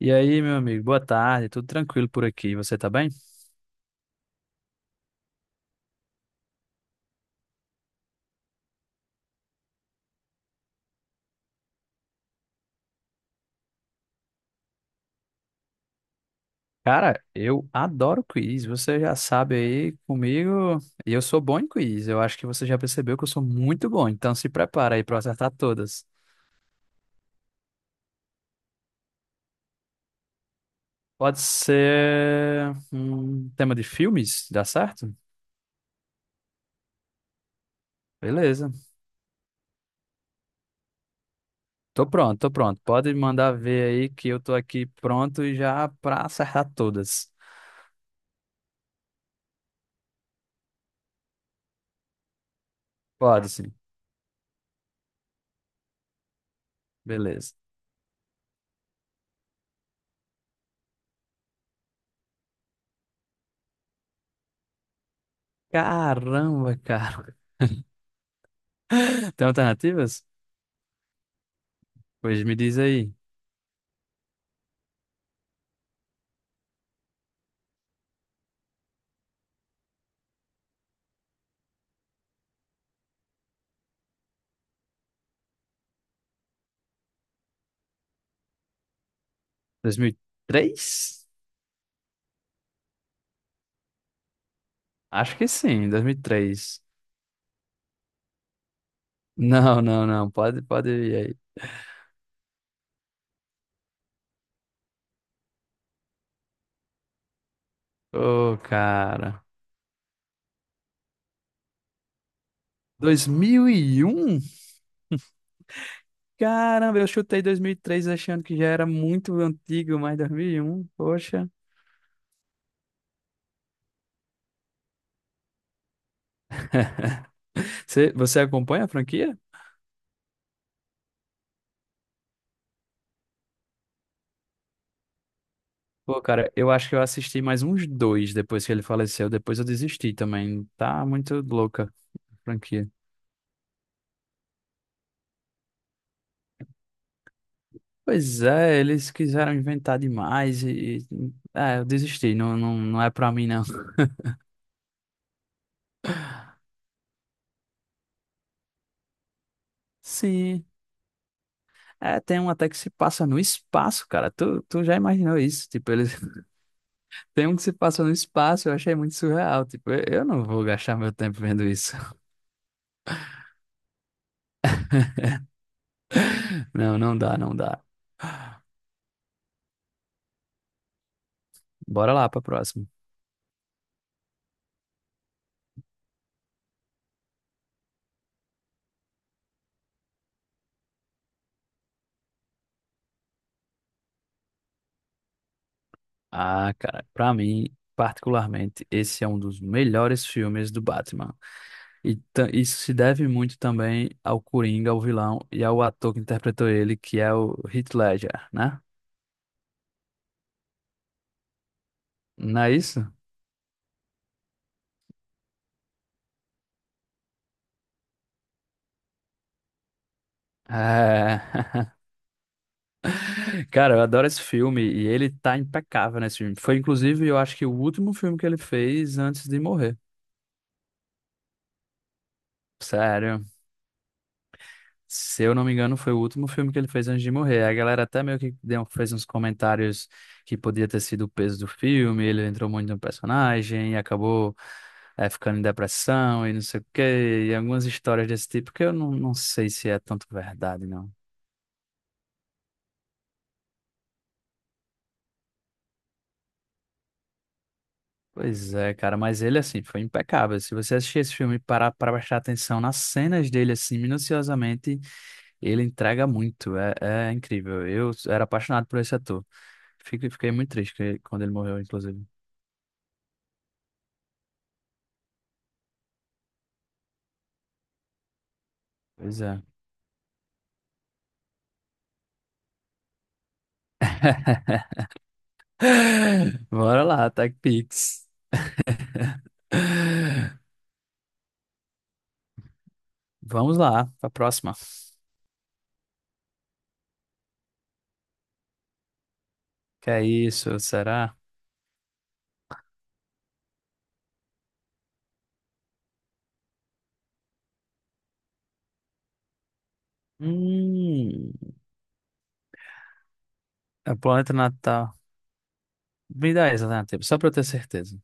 E aí, meu amigo, boa tarde, tudo tranquilo por aqui, você tá bem? Cara, eu adoro quiz, você já sabe aí comigo, e eu sou bom em quiz, eu acho que você já percebeu que eu sou muito bom, então se prepara aí pra eu acertar todas. Pode ser um tema de filmes, dá certo? Beleza, tô pronto, pode mandar ver aí que eu tô aqui pronto e já pra acertar todas. Pode sim, beleza. Caramba, cara, tem alternativas? Pois me diz aí. 2003? Acho que sim, 2003. Não, pode ir aí. Ô, cara. 2001? Caramba, eu chutei 2003 achando que já era muito antigo, mas 2001, poxa. Você acompanha a franquia? Pô, cara, eu acho que eu assisti mais uns dois depois que ele faleceu. Depois eu desisti também. Tá muito louca a franquia. Pois é, eles quiseram inventar demais É, eu desisti. Não, não é pra mim, não. Sim, é, tem um até que se passa no espaço, cara. Tu já imaginou isso? Tipo, eles tem um que se passa no espaço, eu achei muito surreal. Tipo, eu não vou gastar meu tempo vendo isso. Não, não dá. Bora lá pra próxima. Ah, cara, pra mim, particularmente, esse é um dos melhores filmes do Batman. E isso se deve muito também ao Coringa, ao vilão e ao ator que interpretou ele, que é o Heath Ledger, né? Não é isso? É. Cara, eu adoro esse filme e ele tá impecável nesse filme. Foi, inclusive, eu acho que o último filme que ele fez antes de morrer. Sério. Se eu não me engano, foi o último filme que ele fez antes de morrer. A galera até meio que deu, fez uns comentários que podia ter sido o peso do filme, ele entrou muito no personagem e acabou ficando em depressão e não sei o quê. E algumas histórias desse tipo que eu não sei se é tanto verdade, não. Pois é, cara, mas ele, assim, foi impecável. Se você assistir esse filme e parar para prestar atenção nas cenas dele, assim, minuciosamente, ele entrega muito. É incrível. Eu era apaixonado por esse ator. Fiquei muito triste quando ele morreu, inclusive. Pois é. Bora lá, Tech Pix. Vamos lá, pra próxima. Que é isso, será? Hum, é o Planeta Natal. Me dá essa alternativa, só pra eu ter certeza.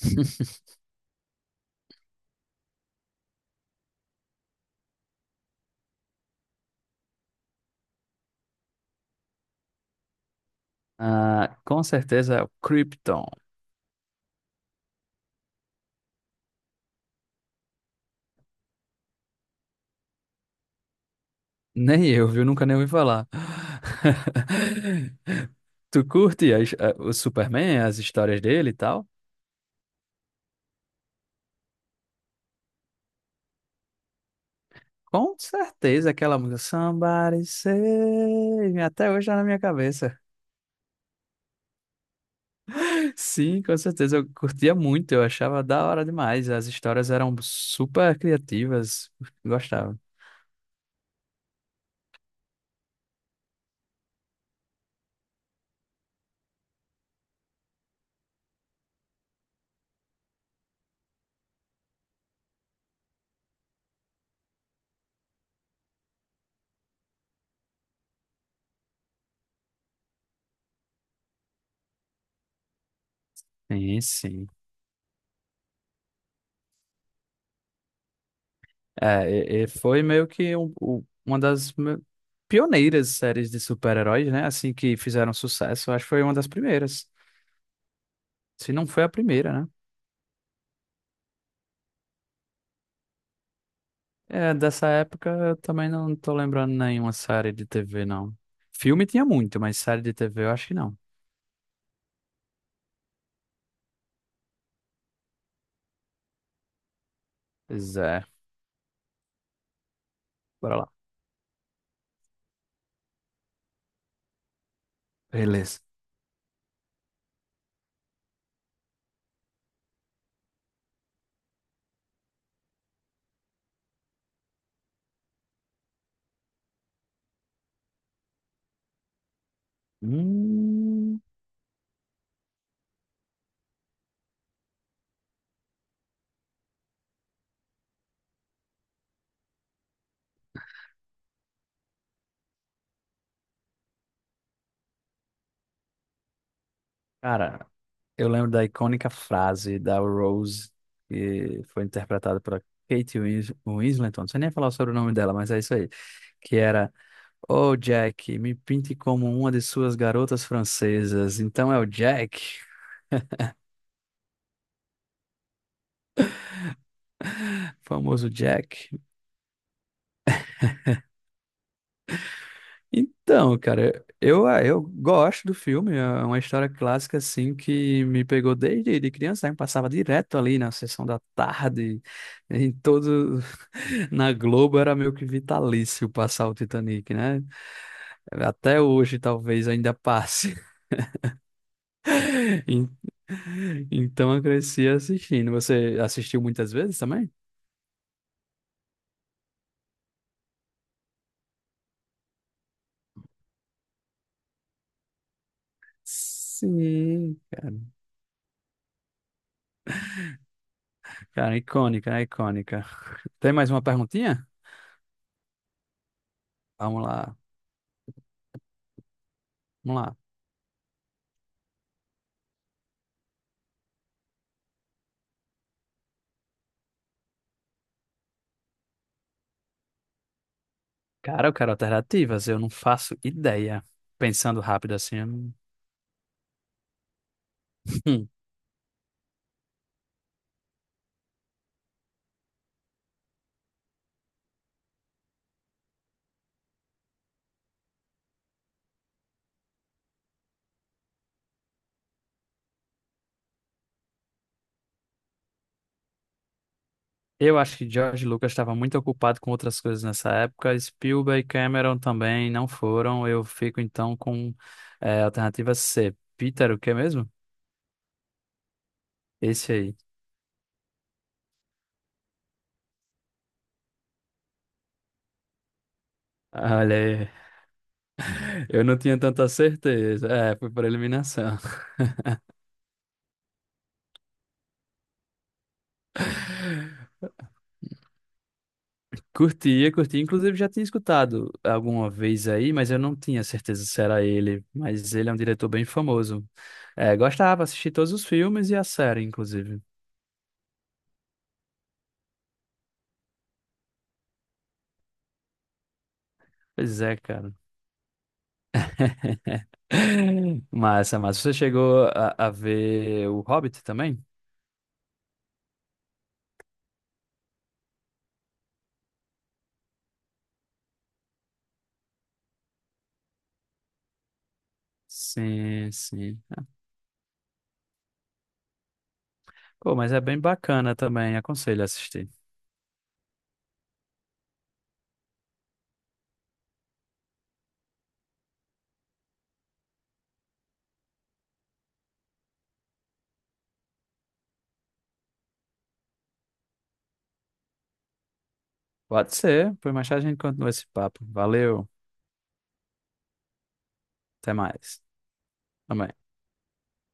Ah, com certeza é o Krypton. Nem eu, viu? Nunca nem ouvi falar. Tu curte o Superman, as histórias dele e tal? Com certeza aquela música Somebody Save Me, até hoje tá na minha cabeça. Sim, com certeza, eu curtia muito, eu achava da hora demais. As histórias eram super criativas, gostava. Sim, sim. É, e foi meio que uma das pioneiras séries de super-heróis, né? Assim que fizeram sucesso. Acho que foi uma das primeiras. Se não foi a primeira, né? É, dessa época eu também não tô lembrando nenhuma série de TV, não. Filme tinha muito, mas série de TV eu acho que não. Pois é, bora lá. Beleza. Hum, cara, eu lembro da icônica frase da Rose, que foi interpretada pela Kate Winslet. Não sei nem falar sobre o nome dela, mas é isso aí que era: "Oh, Jack, me pinte como uma de suas garotas francesas." Então é o Jack, famoso Jack. Então, cara, eu, ah, eu gosto do filme. É uma história clássica, assim, que me pegou desde de criança, né? Eu passava direto ali na sessão da tarde, em todo... Na Globo era meio que vitalício passar o Titanic, né? Até hoje, talvez, ainda passe. En- Então eu cresci assistindo. Você assistiu muitas vezes também? Sim, cara. Cara, icônica, né? Icônica. Tem mais uma perguntinha? Vamos lá, vamos lá. Cara, eu quero alternativas, eu não faço ideia. Pensando rápido assim, eu não- Hum. Eu acho que George Lucas estava muito ocupado com outras coisas nessa época. Spielberg e Cameron também não foram. Eu fico então com é, alternativa C. Peter, o que mesmo? Esse aí. Olha aí. Eu não tinha tanta certeza. É, foi por eliminação. Curtia, inclusive, já tinha escutado alguma vez aí, mas eu não tinha certeza se era ele. Mas ele é um diretor bem famoso. É, gostava, assisti todos os filmes e a série, inclusive. Pois é, cara. Massa, massa. Você chegou a ver o Hobbit também? Sim, sim. Ah, pô, mas é bem bacana também. Aconselho a assistir. Pode ser. Por mais tarde a gente continua esse papo. Valeu. Até mais. Amém.